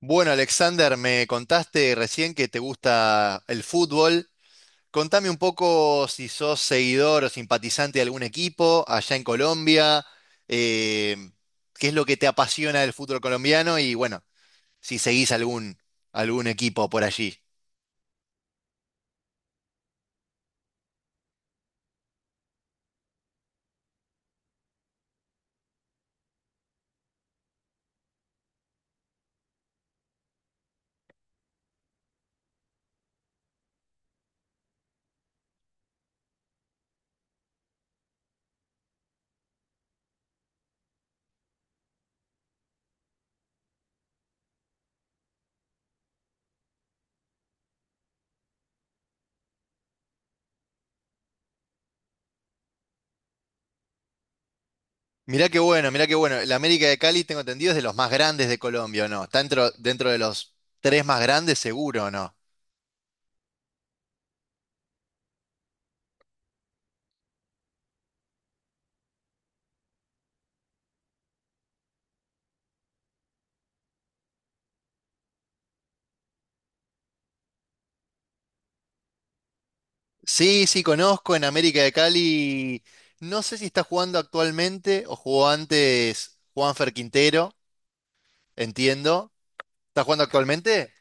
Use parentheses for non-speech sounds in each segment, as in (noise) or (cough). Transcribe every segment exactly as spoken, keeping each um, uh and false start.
Bueno, Alexander, me contaste recién que te gusta el fútbol. Contame un poco si sos seguidor o simpatizante de algún equipo allá en Colombia, eh, qué es lo que te apasiona del fútbol colombiano y bueno, si seguís algún, algún equipo por allí. Mirá qué bueno, mirá qué bueno. La América de Cali, tengo entendido, es de los más grandes de Colombia, ¿o no? Está dentro, dentro de los tres más grandes, seguro, ¿o no? Sí, sí, conozco en América de Cali. No sé si está jugando actualmente o jugó antes Juanfer Quintero, entiendo. ¿Está jugando actualmente?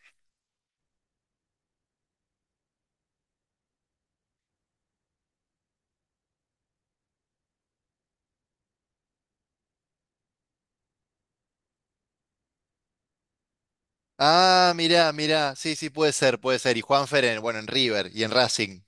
Ah, mirá, mirá. Sí, sí, puede ser, puede ser. Y Juanfer en, bueno, en River y en Racing.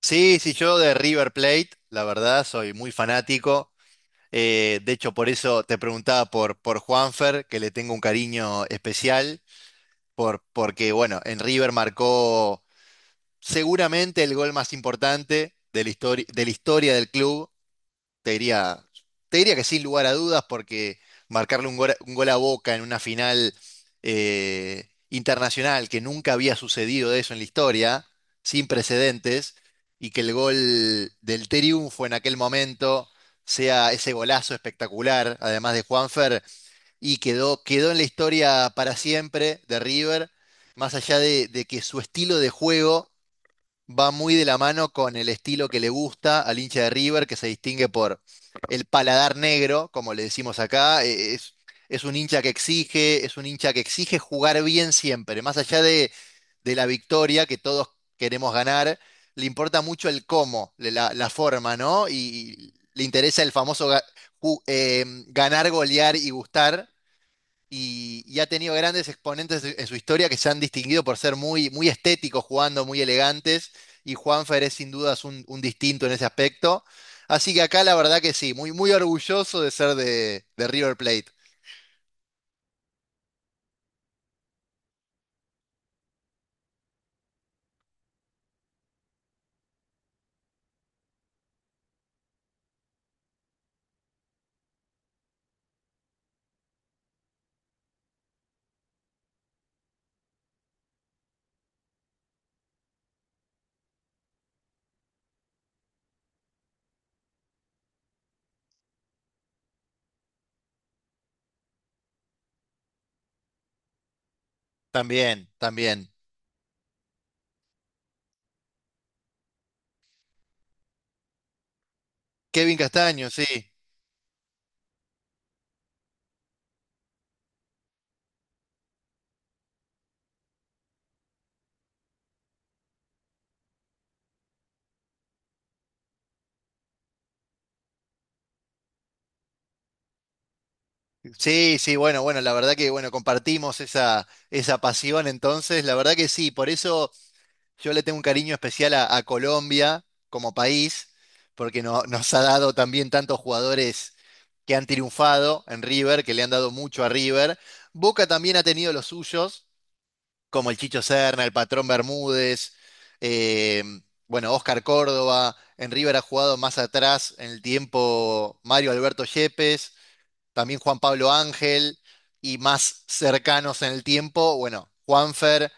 Sí, sí, yo de River Plate, la verdad, soy muy fanático. Eh, de hecho, por eso te preguntaba por, por Juanfer, que le tengo un cariño especial, por, porque, bueno, en River marcó seguramente el gol más importante de la, histori- de la historia del club. Te diría, Te diría que sin lugar a dudas, porque marcarle un gol, a- un gol a Boca en una final eh, internacional que nunca había sucedido de eso en la historia, sin precedentes, y que el gol del triunfo en aquel momento sea ese golazo espectacular, además de Juanfer, y quedó, quedó en la historia para siempre de River, más allá de de que su estilo de juego va muy de la mano con el estilo que le gusta al hincha de River, que se distingue por el paladar negro, como le decimos acá. Eh, Es, es un hincha que exige, es un hincha que exige jugar bien siempre, más allá de, de la victoria que todos queremos ganar, le importa mucho el cómo, le- la, la forma, ¿no? Y, y le interesa el famoso ga- ju- eh, ganar, golear y gustar y, y ha tenido grandes exponentes en su en su historia que se han distinguido por ser muy, muy estéticos jugando, muy elegantes, y Juanfer es sin dudas un, un distinto en ese aspecto. Así que acá la verdad que sí, muy, muy orgulloso de ser de, de River Plate. También, también. Kevin Castaño, sí. Sí, sí, bueno, bueno, la verdad que bueno, compartimos esa, esa pasión entonces, la verdad que sí, por eso yo le tengo un cariño especial a, a Colombia como país, porque no- nos ha dado también tantos jugadores que han triunfado en River, que le han dado mucho a River. Boca también ha tenido los suyos, como el Chicho Serna, el Patrón Bermúdez, eh, bueno, Oscar Córdoba. En River ha jugado más atrás en el tiempo Mario Alberto Yepes, también Juan Pablo Ángel, y más cercanos en el tiempo, bueno, Juanfer,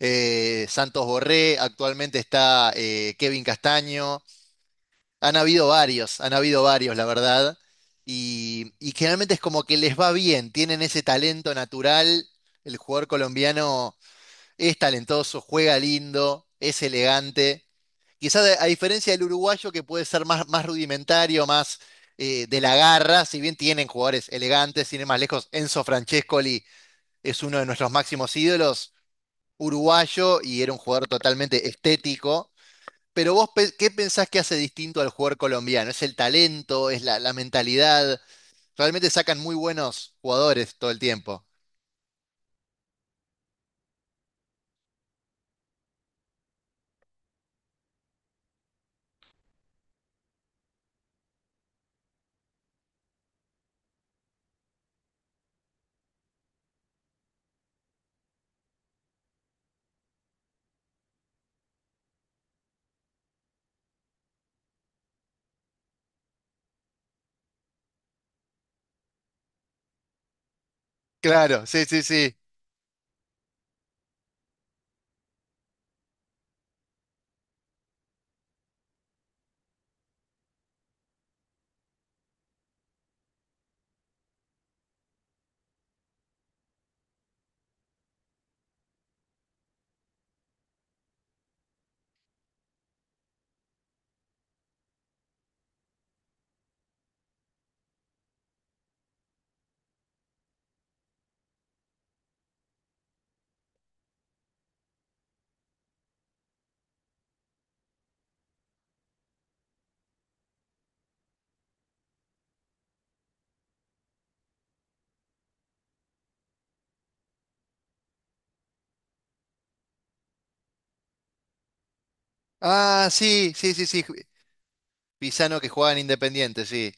eh, Santos Borré, actualmente está, eh, Kevin Castaño. Han habido varios, han habido varios, la verdad. Y, y generalmente es como que les va bien, tienen ese talento natural. El jugador colombiano es talentoso, juega lindo, es elegante. Quizás a a diferencia del uruguayo que puede ser más, más rudimentario, más, eh, de la garra, si bien tienen jugadores elegantes, sin ir más lejos, Enzo Francescoli es uno de nuestros máximos ídolos uruguayo y era un jugador totalmente estético. Pero vos, pe- ¿qué pensás que hace distinto al jugador colombiano? ¿Es el talento? ¿Es la, la mentalidad? Realmente sacan muy buenos jugadores todo el tiempo. Claro, sí, sí, sí. Ah, sí, sí, sí, sí. Pisano que juega en Independiente, sí.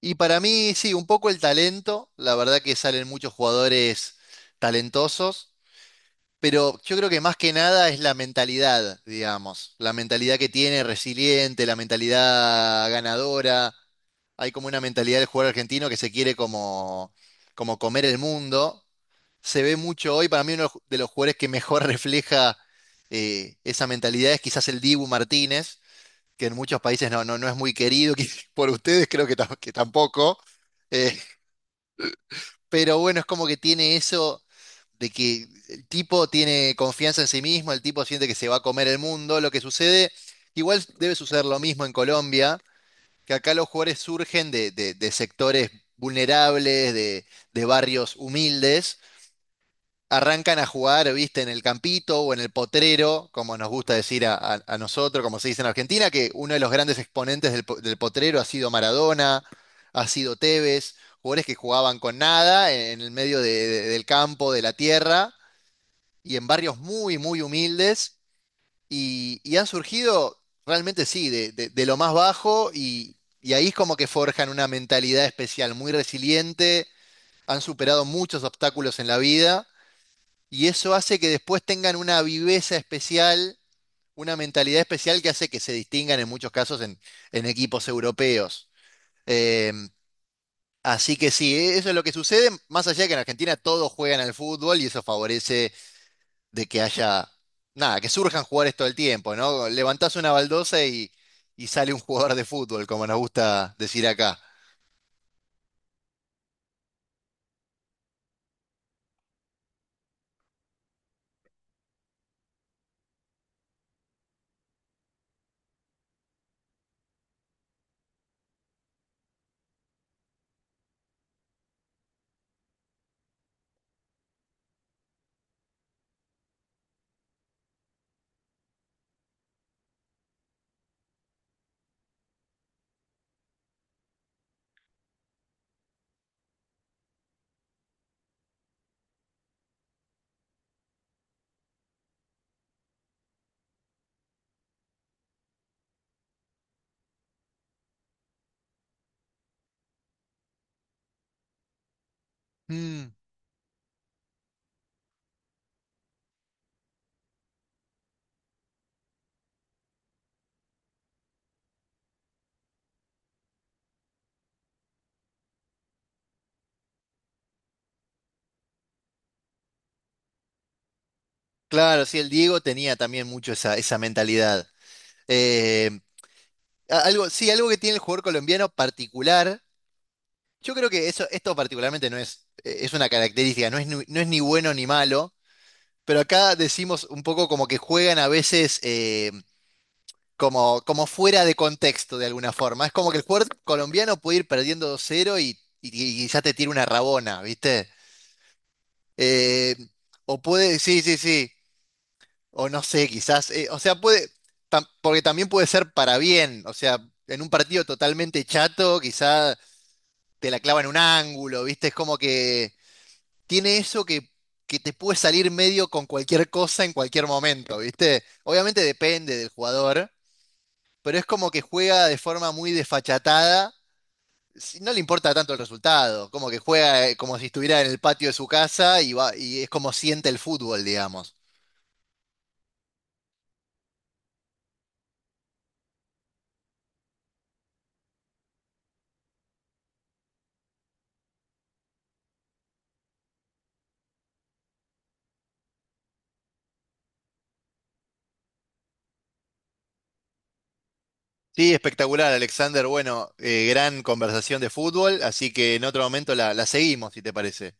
Y para mí, sí, un poco el talento. La verdad que salen muchos jugadores talentosos. Pero yo creo que más que nada es la mentalidad, digamos, la mentalidad que tiene, resiliente, la mentalidad ganadora. Hay como una mentalidad del jugador argentino que se quiere como, como comer el mundo. Se ve mucho hoy, para mí uno de los jugadores que mejor (laughs) refleja, eh, esa mentalidad es quizás el Dibu Martínez, que en muchos países no, no, no es muy querido, (laughs) que por ustedes creo que, tam- que tampoco. Eh, pero bueno, es como que tiene eso de que el tipo tiene confianza en sí mismo, el tipo siente que se va a comer el mundo. Lo que sucede, igual debe suceder lo mismo en Colombia, que acá los jugadores surgen de, de- de sectores vulnerables, de, de barrios humildes, arrancan a jugar, viste, en el campito o en el potrero, como nos gusta decir a, a- a nosotros, como se dice en Argentina, que uno de los grandes exponentes del, po- del potrero ha sido Maradona, ha sido Tevez, jugadores que jugaban con nada en el medio de- de- del campo, de la tierra y en barrios muy, muy humildes y, y han surgido realmente sí, de, de- de lo más bajo y, y ahí es como que forjan una mentalidad especial, muy resiliente, han superado muchos obstáculos en la vida y eso hace que después tengan una viveza especial, una mentalidad especial que hace que se distingan en muchos casos en, en equipos europeos. Eh, Así que sí, eso es lo que sucede, más allá de que en Argentina todos juegan al fútbol y eso favorece de que haya, nada, que surjan jugadores todo el tiempo, ¿no? Levantás una baldosa y, y sale un jugador de fútbol, como nos gusta decir acá. Mm, claro, sí, el Diego tenía también mucho esa, esa mentalidad. Eh, a- Algo, sí, algo que tiene el jugador colombiano particular, yo creo que eso, esto particularmente no es, eh, es una característica, no es, ni- no es ni bueno ni malo, pero acá decimos un poco como que juegan a veces eh, como, como fuera de contexto de alguna forma. Es como que el jugador colombiano puede ir perdiendo dos cero y, y- y ya te tira una rabona, ¿viste? Eh, o puede, sí, sí, sí, o no sé, quizás, eh, o sea, puede, tam- porque también puede ser para bien, o sea, en un partido totalmente chato, quizás te la clava en un ángulo, ¿viste? Es como que tiene eso que... que te puede salir medio con cualquier cosa en cualquier momento, ¿viste? Obviamente depende del jugador, pero es como que juega de forma muy desfachatada. si- No le importa tanto el resultado, como que juega, eh, como si estuviera en el patio de su casa y va, y es como siente el fútbol, digamos. Sí, espectacular, Alexander. Bueno, eh, gran conversación de fútbol, así que en otro momento la, la seguimos, si te parece.